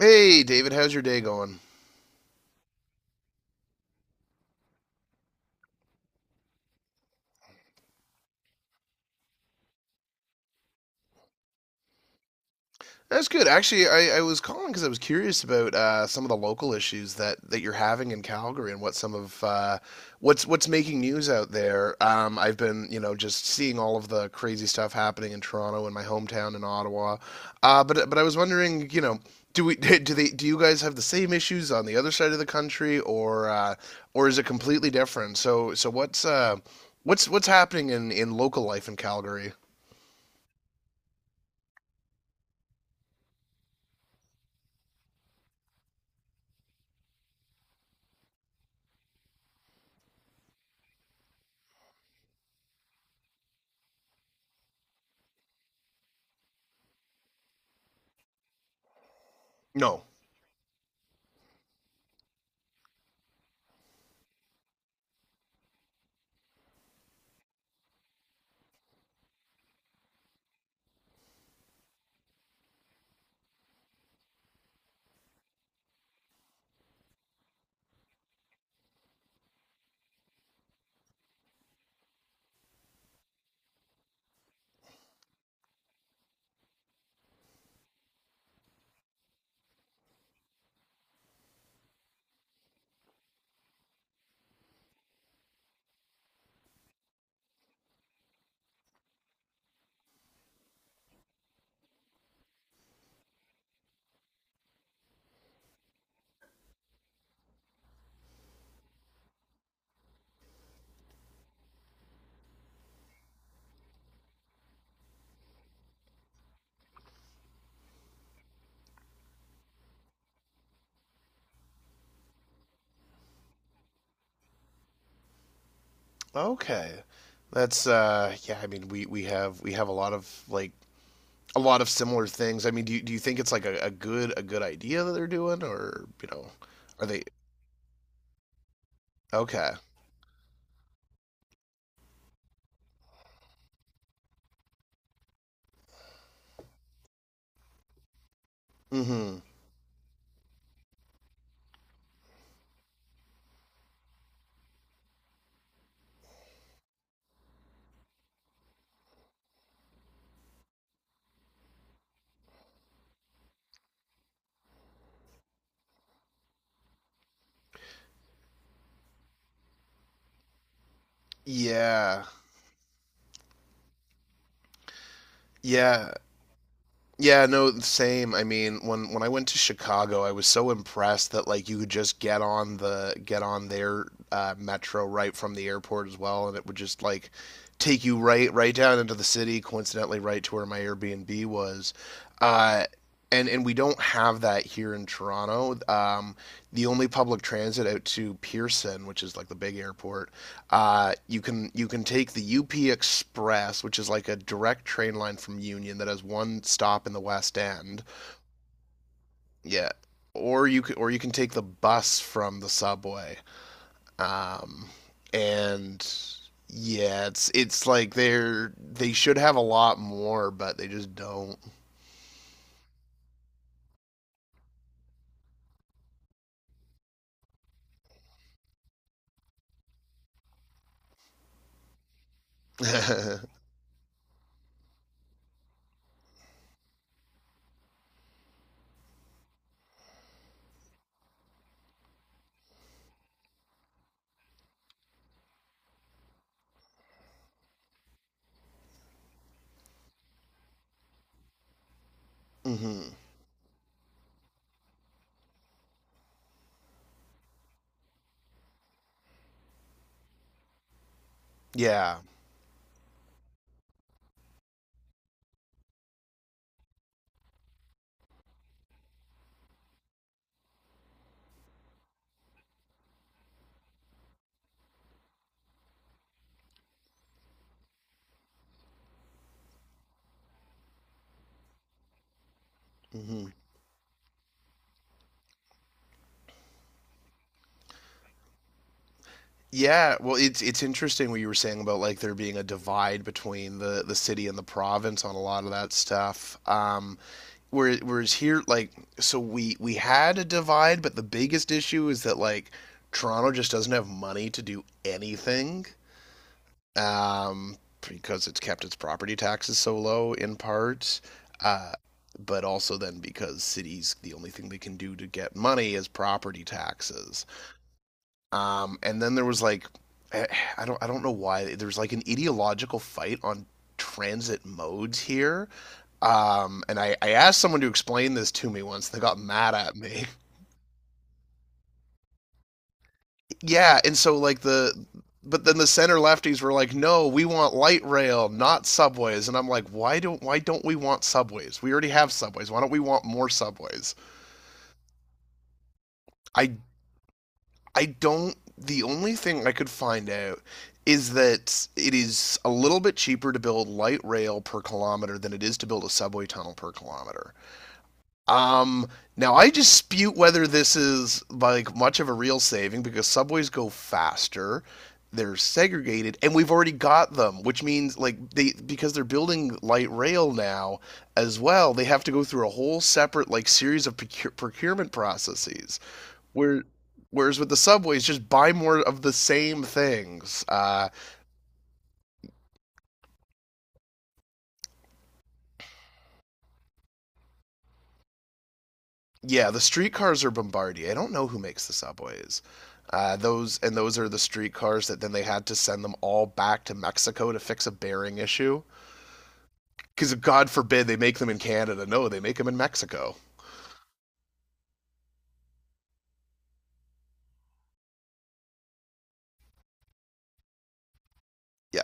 Hey, David, how's your day going? That's good. Actually, I was calling because I was curious about some of the local issues that you're having in Calgary and what some of what's making news out there. I've been, you know, just seeing all of the crazy stuff happening in Toronto and my hometown in Ottawa. But I was wondering, you know, do we do you guys have the same issues on the other side of the country, or is it completely different? So what's what's happening in local life in Calgary? No. Okay. That's uh, yeah, I mean we have we have a lot of like a lot of similar things. I mean, do you think it's like a, a good idea that they're doing, or, you know, are they okay. Mhm. Yeah. Yeah. Yeah, no, same. I mean, when I went to Chicago, I was so impressed that like you could just get on their metro right from the airport as well, and it would just like take you right down into the city, coincidentally right to where my Airbnb was. Uh, and we don't have that here in Toronto. The only public transit out to Pearson, which is like the big airport, you can take the UP Express, which is like a direct train line from Union that has one stop in the West End. Yeah, or you can take the bus from the subway. Um, and yeah, it's like they should have a lot more, but they just don't. Hmm. Yeah. Hmm. Yeah, well, it's interesting what you were saying about like there being a divide between the city and the province on a lot of that stuff. Whereas here, like, so we had a divide, but the biggest issue is that like Toronto just doesn't have money to do anything, um, because it's kept its property taxes so low in part, uh, but also then because cities, the only thing they can do to get money is property taxes. And then there was like eh, I don't know why there was like an ideological fight on transit modes here, and I asked someone to explain this to me once, they got mad at me. Yeah, and so like then the center lefties were like, no, we want light rail, not subways, and I'm like, why don't we want subways, we already have subways, why don't we want more subways? I i don't, the only thing I could find out is that it is a little bit cheaper to build light rail per kilometer than it is to build a subway tunnel per kilometer. Um, now I dispute whether this is like much of a real saving, because subways go faster, they're segregated, and we've already got them, which means like they because they're building light rail now as well, they have to go through a whole separate like series of procurement processes where. Whereas with the subways, just buy more of the same things. Yeah, the streetcars are Bombardier. I don't know who makes the subways. Those are the streetcars that then they had to send them all back to Mexico to fix a bearing issue. Because God forbid they make them in Canada. No, they make them in Mexico. Yeah.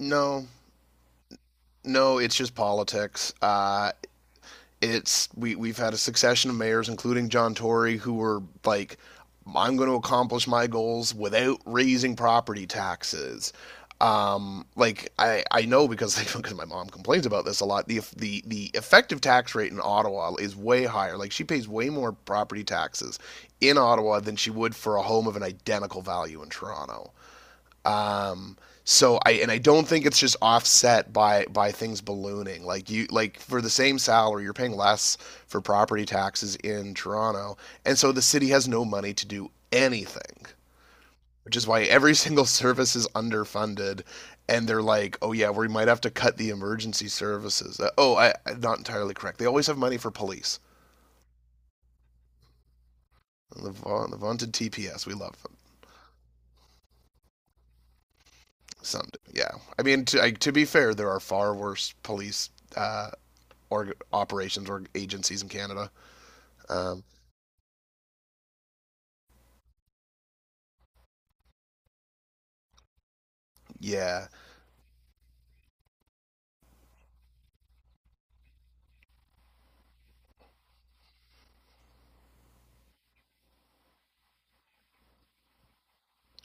No, no, it's just politics. It's we've had a succession of mayors, including John Tory, who were like, "I'm going to accomplish my goals without raising property taxes." Like I know because like, because my mom complains about this a lot. The effective tax rate in Ottawa is way higher. Like she pays way more property taxes in Ottawa than she would for a home of an identical value in Toronto. So I don't think it's just offset by things ballooning. Like for the same salary, you're paying less for property taxes in Toronto, and so the city has no money to do anything, which is why every single service is underfunded. And they're like, oh yeah, we might have to cut the emergency services. I'm not entirely correct. They always have money for police. The vaunted TPS, we love them. Some do. Yeah, I mean, to be fair, there are far worse police uh, or operations or agencies in Canada. Um, yeah.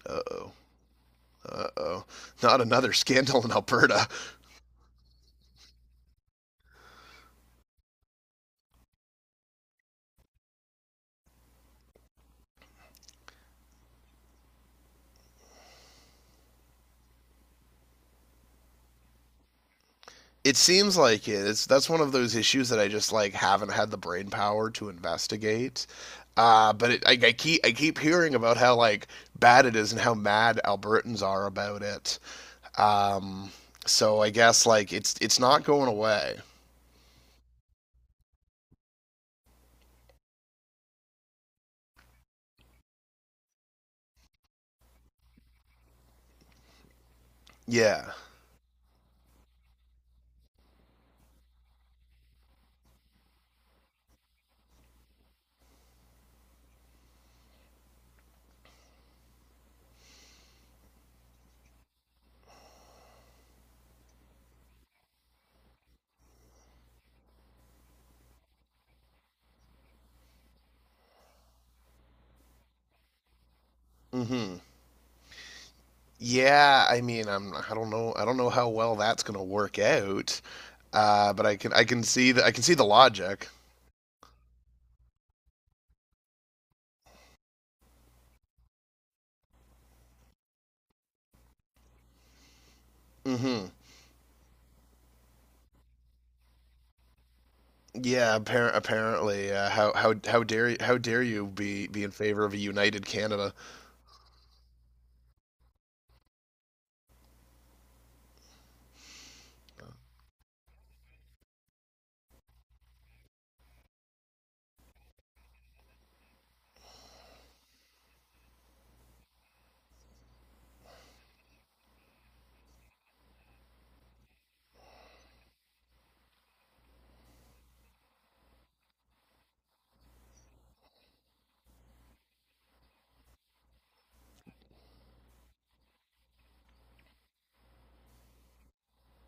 Uh oh. Uh oh. Not another scandal in Alberta. It seems like It's that's one of those issues that I just like haven't had the brain power to investigate. But I keep hearing about how like bad it is and how mad Albertans are about it. Um, so I guess like it's not going away. Yeah. Mm-hmm. Yeah, I mean, I'm, I don't know how well that's going to work out. But I can see the logic. Hmm. Yeah, apparently. How dare you be in favor of a united Canada?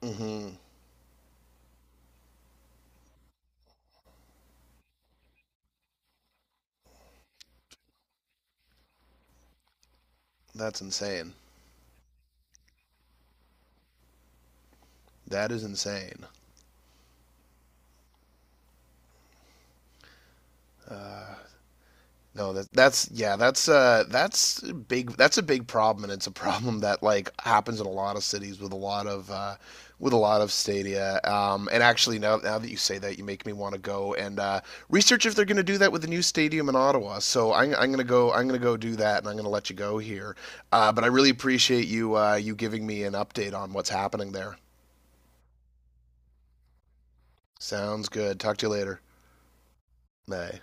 Hmm. That's insane. That is insane. Uh, No, that that's yeah, that's uh, that's a big, that's a big problem, and it's a problem that like happens in a lot of cities with a lot of with a lot of stadia. Um, and actually, now that you say that, you make me want to go and uh, research if they're going to do that with the new stadium in Ottawa. So I'm going to go do that, and I'm going to let you go here. Uh, but I really appreciate you uh, you giving me an update on what's happening there. Sounds good. Talk to you later. Bye.